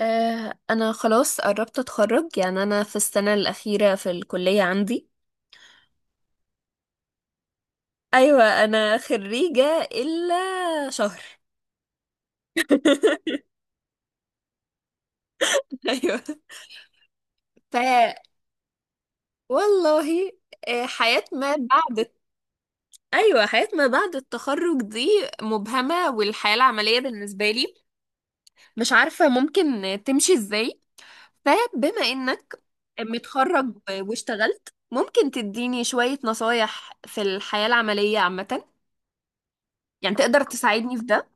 انا خلاص قربت اتخرج، يعني انا في السنة الأخيرة في الكلية عندي. ايوه، انا خريجة الا شهر. ايوه. ف والله. آه، حياة ما بعد ايوه، حياة ما بعد التخرج دي مبهمة، والحياة العملية بالنسبة لي مش عارفة ممكن تمشي ازاي. فبما انك متخرج واشتغلت، ممكن تديني شوية نصايح في الحياة العملية عامة؟ يعني تقدر تساعدني في ده؟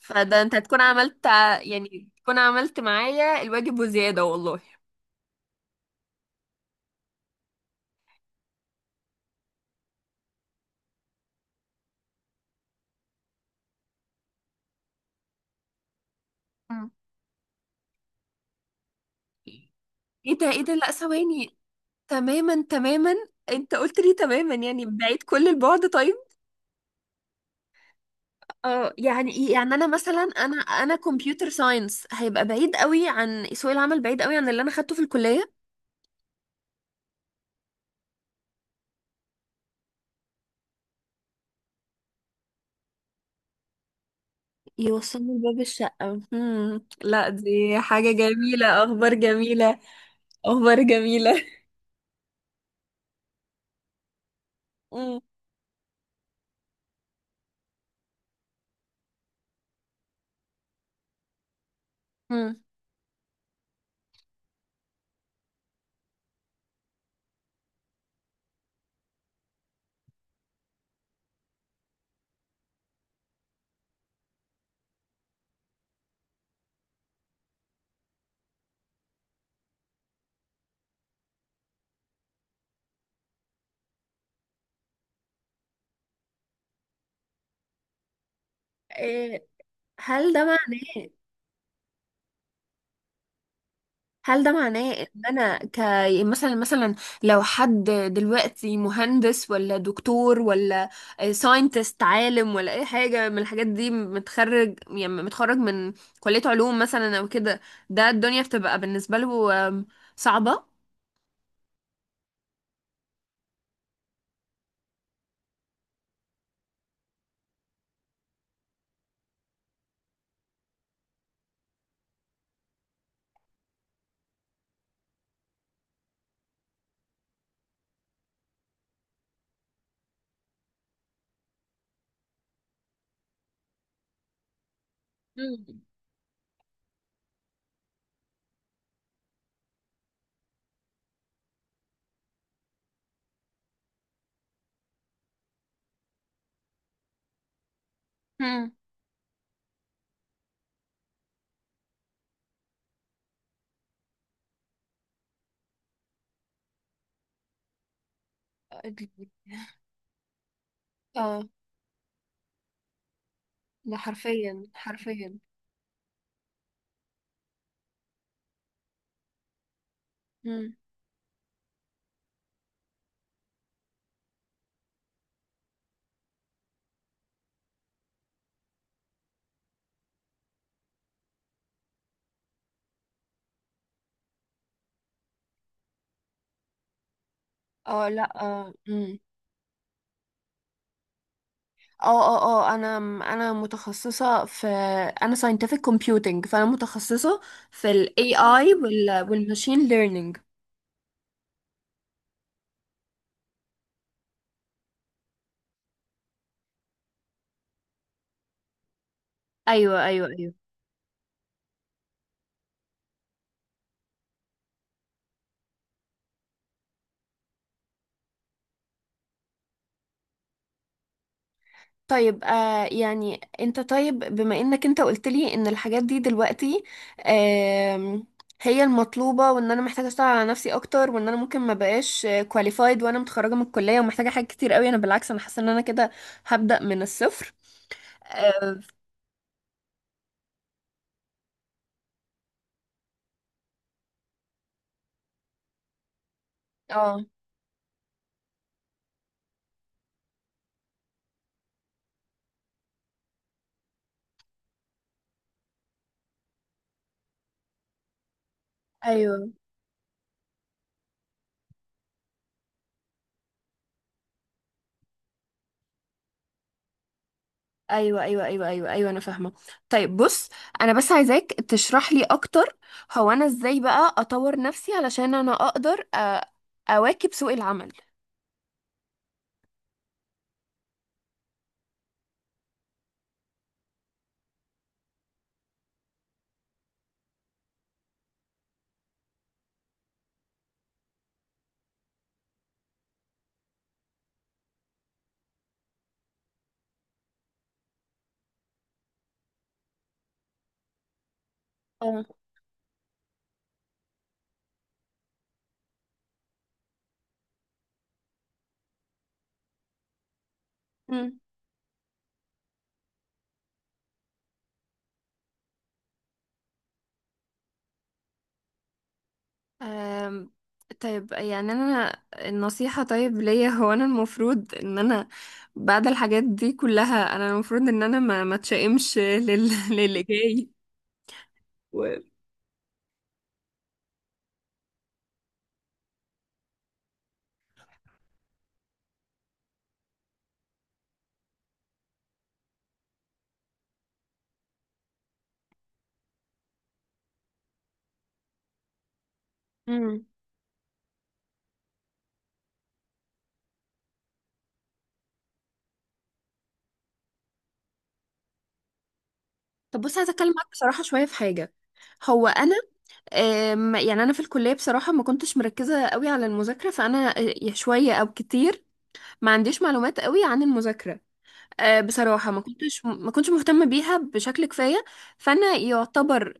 فده انت هتكون عملت يعني تكون عملت معايا الواجب وزيادة والله. مم. ايه ده، ايه ده، لا ثواني. تماما تماما. انت قلت لي تماما، يعني بعيد كل البعد. طيب. اه، يعني ايه، يعني انا مثلا، انا كمبيوتر ساينس هيبقى بعيد قوي عن سوق العمل، بعيد قوي عن اللي انا خدته في الكلية. يوصلني لباب الشقة. مم. لا، دي حاجة جميلة، اخبار جميلة. اخبار جميلة. مم. مم. إيه. هل ده معناه هل ده معناه ان انا يعني مثلا مثلا، لو حد دلوقتي مهندس ولا دكتور ولا ساينتست عالم ولا اي حاجه من الحاجات دي، متخرج يعني متخرج من كليه علوم مثلا او كده، ده الدنيا بتبقى بالنسبه له صعبه؟ مم. مم. أدري. اه، ده حرفيا حرفيا. مم. اه، لا، اه. مم. اه اه اه، انا متخصصه في انا scientific computing، فانا متخصصه في ال AI وال machine learning. ايوه ايوه ايوه. طيب، يعني انت، طيب بما انك انت قلت لي ان الحاجات دي دلوقتي آم، هي المطلوبة، وان انا محتاجة اشتغل على نفسي اكتر، وان انا ممكن ما بقاش كواليفايد وانا متخرجة من الكلية، ومحتاجة حاجات كتير قوي. انا بالعكس انا حاسة ان انا كده هبدأ من الصفر. اه. آه، ايوه ايوه ايوه ايوه ايوه ايوه، انا فاهمه. طيب بص، انا بس عايزاك تشرح لي اكتر. هو انا ازاي بقى اطور نفسي علشان انا اقدر اواكب سوق العمل؟ اه. مم. أم، طيب، يعني انا النصيحة، طيب ليا هو انا المفروض ان انا بعد الحاجات دي كلها، انا المفروض ان انا ما اتشائمش للي جاي. و... مم. طب بص، عايزة اتكلم معاك بصراحة شوية في حاجة. هو انا يعني انا في الكليه بصراحه ما كنتش مركزه قوي على المذاكره، فانا شويه او كتير ما عنديش معلومات قوي عن المذاكره. بصراحه ما كنتش مهتمه بيها بشكل كفايه. فانا يعتبر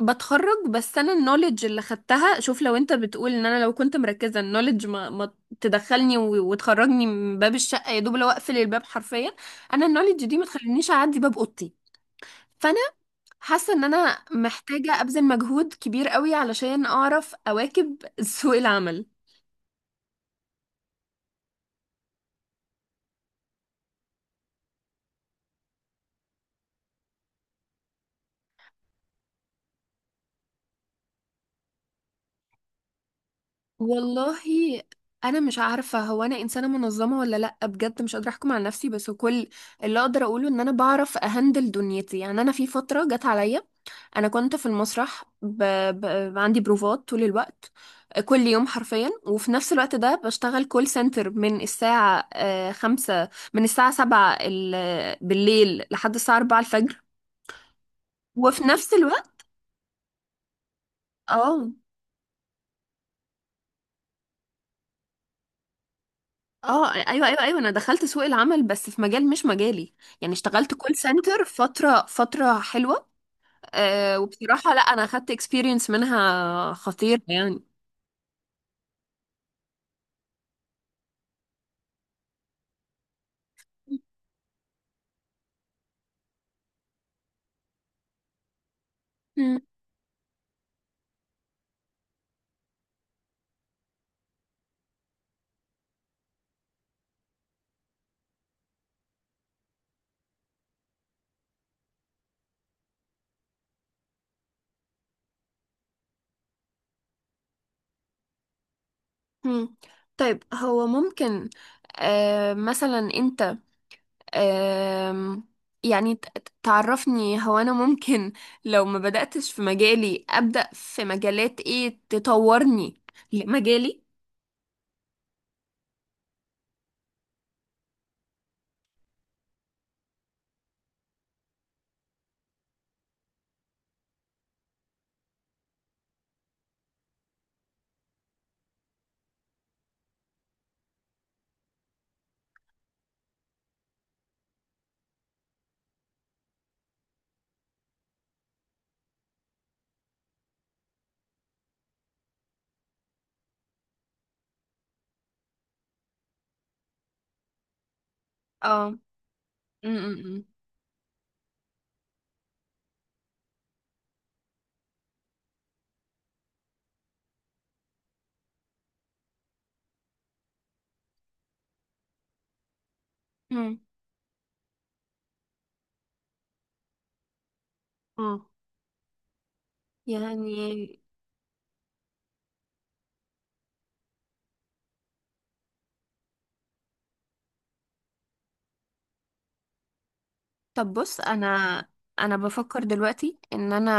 بتخرج، بس انا النوليدج اللي خدتها، شوف لو انت بتقول ان انا لو كنت مركزه، النوليدج ما تدخلني وتخرجني من باب الشقه، يا دوب لو اقفل الباب حرفيا. انا النوليدج دي ما تخلينيش اعدي باب اوضتي. فانا حاسة ان انا محتاجة ابذل مجهود كبير قوي علشان اعرف اواكب سوق العمل. والله انا مش عارفة، هو انا انسانة منظمة ولا لا؟ بجد مش قادرة احكم على نفسي، بس كل اللي اقدر اقوله ان انا بعرف اهندل دنيتي. يعني انا في فترة جت عليا انا كنت في المسرح عندي بروفات طول الوقت، كل يوم حرفيا، وفي نفس الوقت ده بشتغل كول سنتر من الساعة آه، خمسة من الساعة 7 بالليل لحد الساعة 4 الفجر. وفي نفس الوقت. اه اه ايوه ايوه ايوه، انا دخلت سوق العمل بس في مجال مش مجالي، يعني اشتغلت كول سنتر فتره حلوه. وبصراحه لا، انا اخدت اكسبيرينس منها خطير يعني. مم. مم. طيب، هو ممكن مثلا انت، أه يعني تعرفني هو انا ممكن لو ما بدأتش في مجالي، أبدأ في مجالات ايه تطورني لمجالي؟ اه. مم، مم، مم. مم. يعني طب بص، انا بفكر دلوقتي ان انا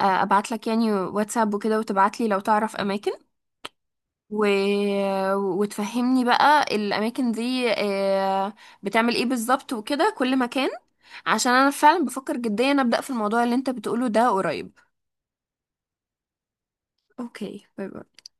ابعت لك يعني واتساب وكده، وتبعت لي لو تعرف اماكن و... وتفهمني بقى الاماكن دي بتعمل ايه بالظبط وكده كل مكان. عشان انا فعلا بفكر جديا ابدا في الموضوع اللي انت بتقوله ده قريب. اوكي، باي باي.